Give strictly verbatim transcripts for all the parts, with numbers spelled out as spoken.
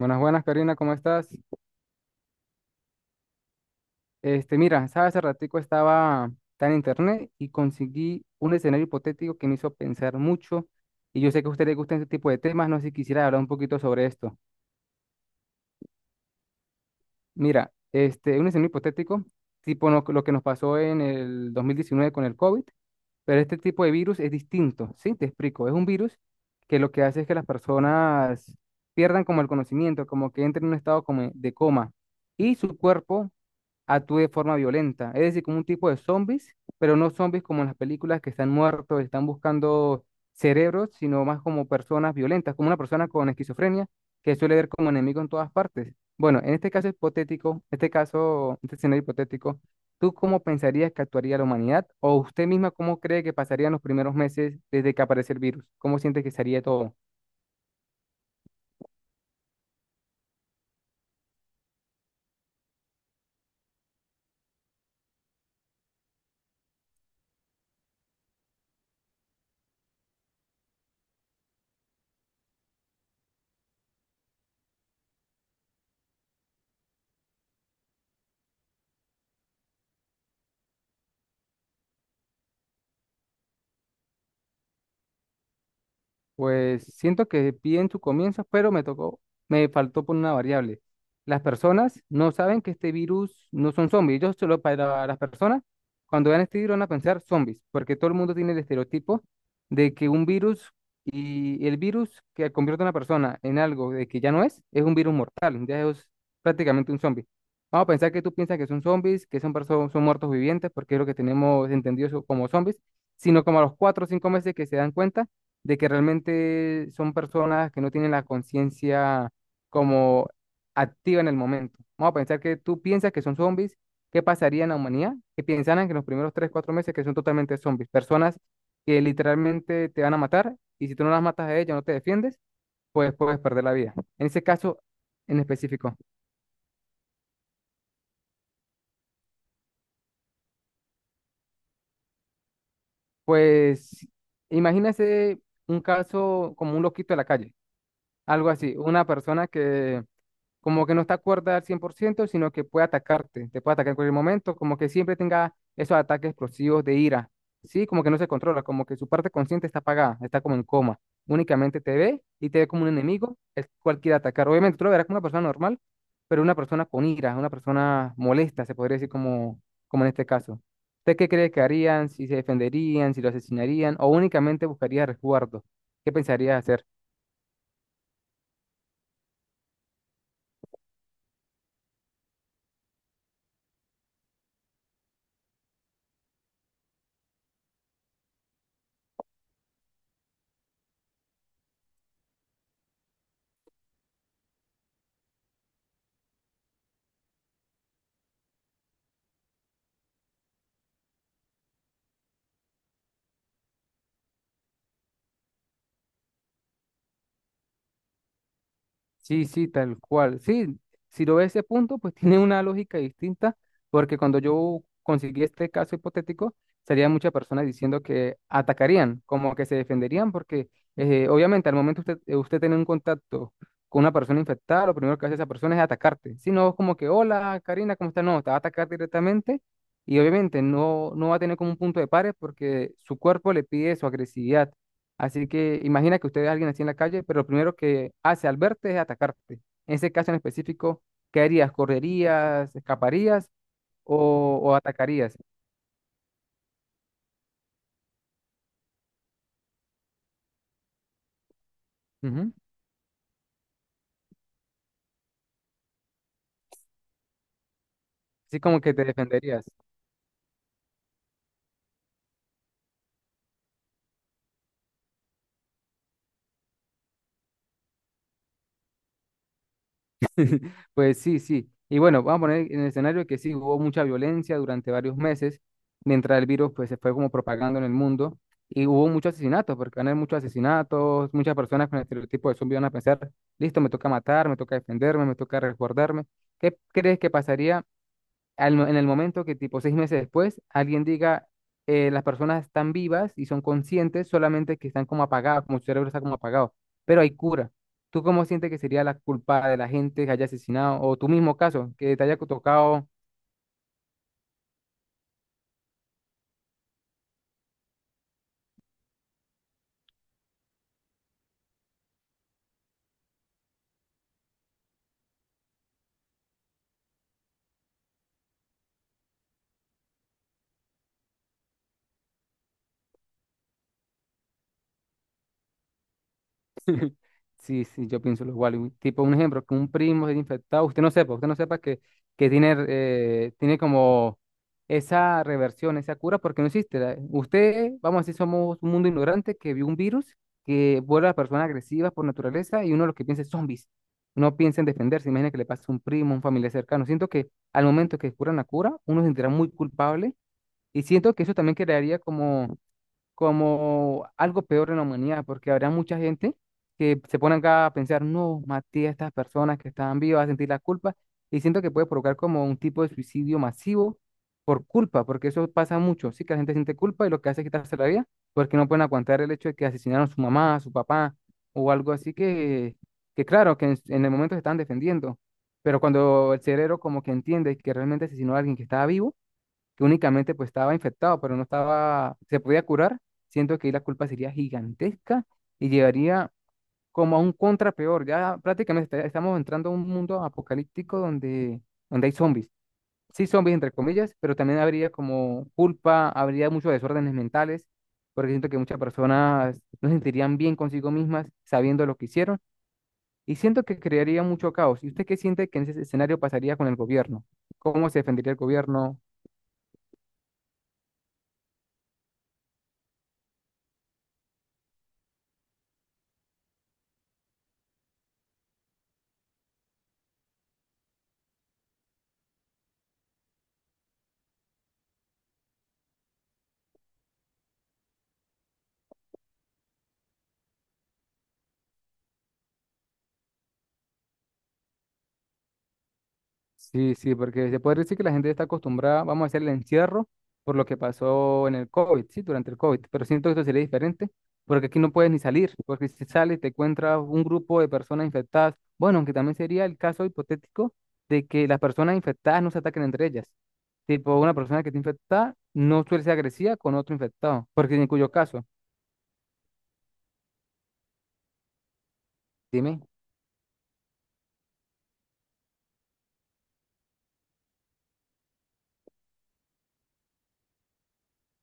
Buenas, buenas, Karina, ¿cómo estás? Este, mira, sabes, hace ratico estaba está en internet y conseguí un escenario hipotético que me hizo pensar mucho y yo sé que a usted le gustan este tipo de temas, no sé si quisiera hablar un poquito sobre esto. Mira, este, un escenario hipotético, tipo lo, lo que nos pasó en el dos mil diecinueve con el COVID, pero este tipo de virus es distinto, ¿sí? Te explico, es un virus que lo que hace es que las personas pierdan como el conocimiento, como que entren en un estado como de coma y su cuerpo actúe de forma violenta. Es decir, como un tipo de zombies, pero no zombies como en las películas que están muertos, están buscando cerebros, sino más como personas violentas, como una persona con esquizofrenia que suele ver como enemigo en todas partes. Bueno, en este caso hipotético, este caso, este escenario hipotético, ¿tú cómo pensarías que actuaría la humanidad? ¿O usted misma cómo cree que pasarían los primeros meses desde que aparece el virus? ¿Cómo siente que sería todo? Pues siento que bien su comienzo, pero me tocó, me faltó por una variable. Las personas no saben que este virus no son zombies. Ellos solo para las personas, cuando vean este virus van a pensar zombies, porque todo el mundo tiene el estereotipo de que un virus y el virus que convierte a una persona en algo de que ya no es, es un virus mortal, ya es prácticamente un zombie. Vamos a pensar que tú piensas que son zombies, que son personas, son muertos vivientes, porque es lo que tenemos entendido so- como zombies, sino como a los cuatro o cinco meses que se dan cuenta de que realmente son personas que no tienen la conciencia como activa en el momento. Vamos a pensar que tú piensas que son zombies, ¿qué pasaría en la humanidad? Que pensaran que en los primeros tres cuatro meses que son totalmente zombies, personas que literalmente te van a matar y si tú no las matas a ellas, no te defiendes, pues puedes perder la vida. En ese caso en específico, pues imagínese un caso como un loquito de la calle, algo así, una persona que como que no está cuerda al cien por ciento sino que puede atacarte, te puede atacar en cualquier momento, como que siempre tenga esos ataques explosivos de ira, ¿sí? Como que no se controla, como que su parte consciente está apagada, está como en coma, únicamente te ve y te ve como un enemigo, el cual quiere atacar. Obviamente tú lo verás como una persona normal, pero una persona con ira, una persona molesta, se podría decir como, como en este caso. ¿Usted qué cree que harían, si se defenderían, si lo asesinarían o únicamente buscaría resguardo? ¿Qué pensaría hacer? Sí, sí, tal cual. Sí, si lo ves ese punto, pues tiene una lógica distinta, porque cuando yo conseguí este caso hipotético, salían muchas personas diciendo que atacarían, como que se defenderían, porque eh, obviamente al momento usted, eh, usted tiene un contacto con una persona infectada, lo primero que hace esa persona es atacarte. Si no, es como que, hola, Karina, ¿cómo estás? No, te va a atacar directamente y obviamente no, no va a tener como un punto de pares porque su cuerpo le pide su agresividad. Así que imagina que usted ve alguien así en la calle, pero lo primero que hace al verte es atacarte. En ese caso en específico, ¿qué harías? ¿Correrías? ¿Escaparías? ¿O, o atacarías? Ujú. Así como que te defenderías. Pues sí, sí. Y bueno, vamos a poner en el escenario que sí, hubo mucha violencia durante varios meses, mientras el virus pues se fue como propagando en el mundo. Y hubo muchos asesinatos, porque van a haber muchos asesinatos, muchas personas con el estereotipo de zombie van a pensar, listo, me toca matar, me toca defenderme, me toca resguardarme. ¿Qué crees que pasaría al mo- en el momento que tipo seis meses después alguien diga, eh, las personas están vivas y son conscientes, solamente que están como apagadas, como su cerebro está como apagado, pero hay cura? ¿Tú cómo sientes que sería la culpa de la gente que haya asesinado o tu mismo caso, que te haya tocado? Sí, sí, yo pienso lo igual. un- Tipo, un ejemplo, que un primo se haya infectado, usted no sepa, usted no sepa que, que tiene, eh, tiene como esa reversión, esa cura, porque no existe. la- Usted, vamos a decir, somos un mundo ignorante que vio un virus que vuelve a personas agresivas por naturaleza y uno lo que piensa es zombies. No piensa en defenderse, imagina que le pasa a un primo, un familiar cercano. Siento que al momento que descubran la cura, uno se sentirá muy culpable y siento que eso también crearía como como algo peor en la humanidad, porque habrá mucha gente que se pone acá a pensar, no, maté a estas personas que estaban vivas, a sentir la culpa, y siento que puede provocar como un tipo de suicidio masivo por culpa, porque eso pasa mucho, sí, que la gente siente culpa y lo que hace es quitarse la vida, porque no pueden aguantar el hecho de que asesinaron a su mamá, a su papá, o algo así que, que claro, que en, en el momento se están defendiendo, pero cuando el cerebro como que entiende que realmente asesinó a alguien que estaba vivo, que únicamente pues estaba infectado, pero no estaba, se podía curar, siento que ahí la culpa sería gigantesca y llevaría como a un contra peor. Ya prácticamente está- estamos entrando a un mundo apocalíptico donde, donde hay zombies. Sí, zombies entre comillas, pero también habría como culpa, habría muchos desórdenes mentales, porque siento que muchas personas no se sentirían bien consigo mismas sabiendo lo que hicieron. Y siento que crearía mucho caos. ¿Y usted qué siente que en ese escenario pasaría con el gobierno? ¿Cómo se defendería el gobierno? Sí, sí, porque se puede decir que la gente está acostumbrada, vamos a hacer el encierro por lo que pasó en el COVID, sí, durante el COVID, pero siento que esto sería diferente, porque aquí no puedes ni salir, porque si sales te encuentras un grupo de personas infectadas, bueno, aunque también sería el caso hipotético de que las personas infectadas no se ataquen entre ellas, tipo una persona que está infectada no suele ser agresiva con otro infectado, porque en cuyo caso, dime.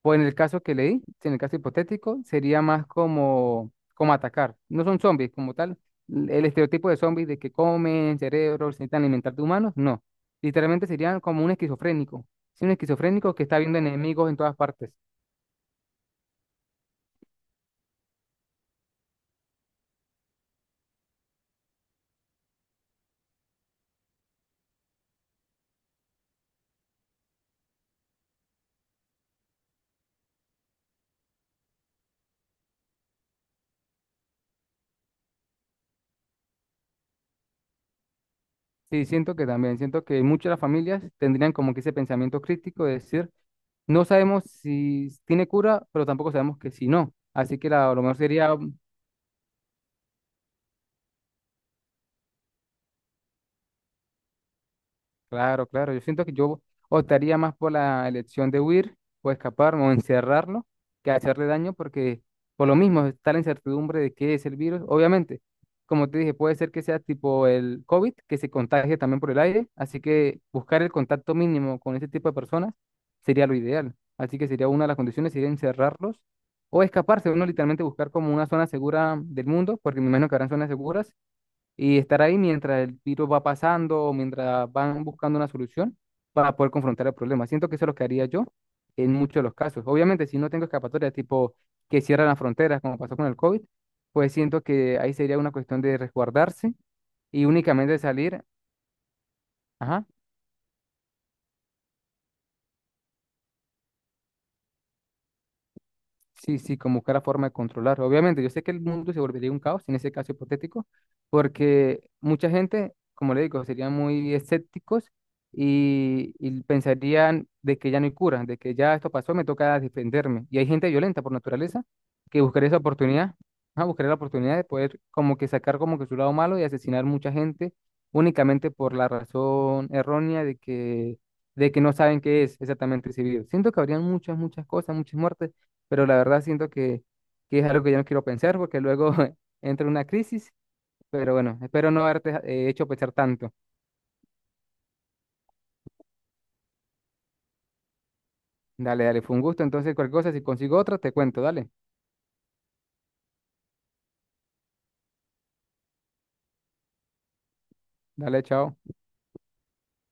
Pues en el caso que leí, si en el caso hipotético, sería más como, como atacar. No son zombies como tal. l- El estereotipo de zombies de que comen cerebros, se intentan alimentar de humanos, no. Literalmente serían como un esquizofrénico. Sí, un esquizofrénico que está viendo enemigos en todas partes. Sí, siento que también, siento que muchas de las familias tendrían como que ese pensamiento crítico de decir, no sabemos si tiene cura, pero tampoco sabemos que si no. Así que la- lo mejor sería claro, claro. Yo siento que yo optaría más por la elección de huir o escapar o encerrarlo que hacerle daño porque por lo mismo está la incertidumbre de qué es el virus. Obviamente, como te dije, puede ser que sea tipo el COVID, que se contagie también por el aire. Así que buscar el contacto mínimo con ese tipo de personas sería lo ideal. Así que sería una de las condiciones, sería encerrarlos o escaparse. Uno literalmente buscar como una zona segura del mundo, porque me imagino que habrán zonas seguras y estar ahí mientras el virus va pasando o mientras van buscando una solución para poder confrontar el problema. Siento que eso es lo que haría yo en muchos de los casos. Obviamente, si no tengo escapatoria, tipo que cierran las fronteras, como pasó con el COVID, pues siento que ahí sería una cuestión de resguardarse y únicamente salir, ajá, sí, sí, como buscar la forma de controlar. Obviamente, yo sé que el mundo se volvería un caos en ese caso hipotético, porque mucha gente, como le digo, serían muy escépticos y, y pensarían de que ya no hay cura, de que ya esto pasó, me toca defenderme. Y hay gente violenta por naturaleza que buscaría esa oportunidad, ah, buscaría la oportunidad de poder como que sacar como que su lado malo y asesinar mucha gente únicamente por la razón errónea de que, de que no saben qué es exactamente ese virus. Siento que habrían muchas, muchas cosas, muchas muertes pero la verdad siento que, que es algo que yo no quiero pensar porque luego entra una crisis, pero bueno, espero no haberte eh, hecho pensar tanto. Dale, dale, fue un gusto, entonces cualquier cosa, si consigo otra, te cuento, dale, dale, chao.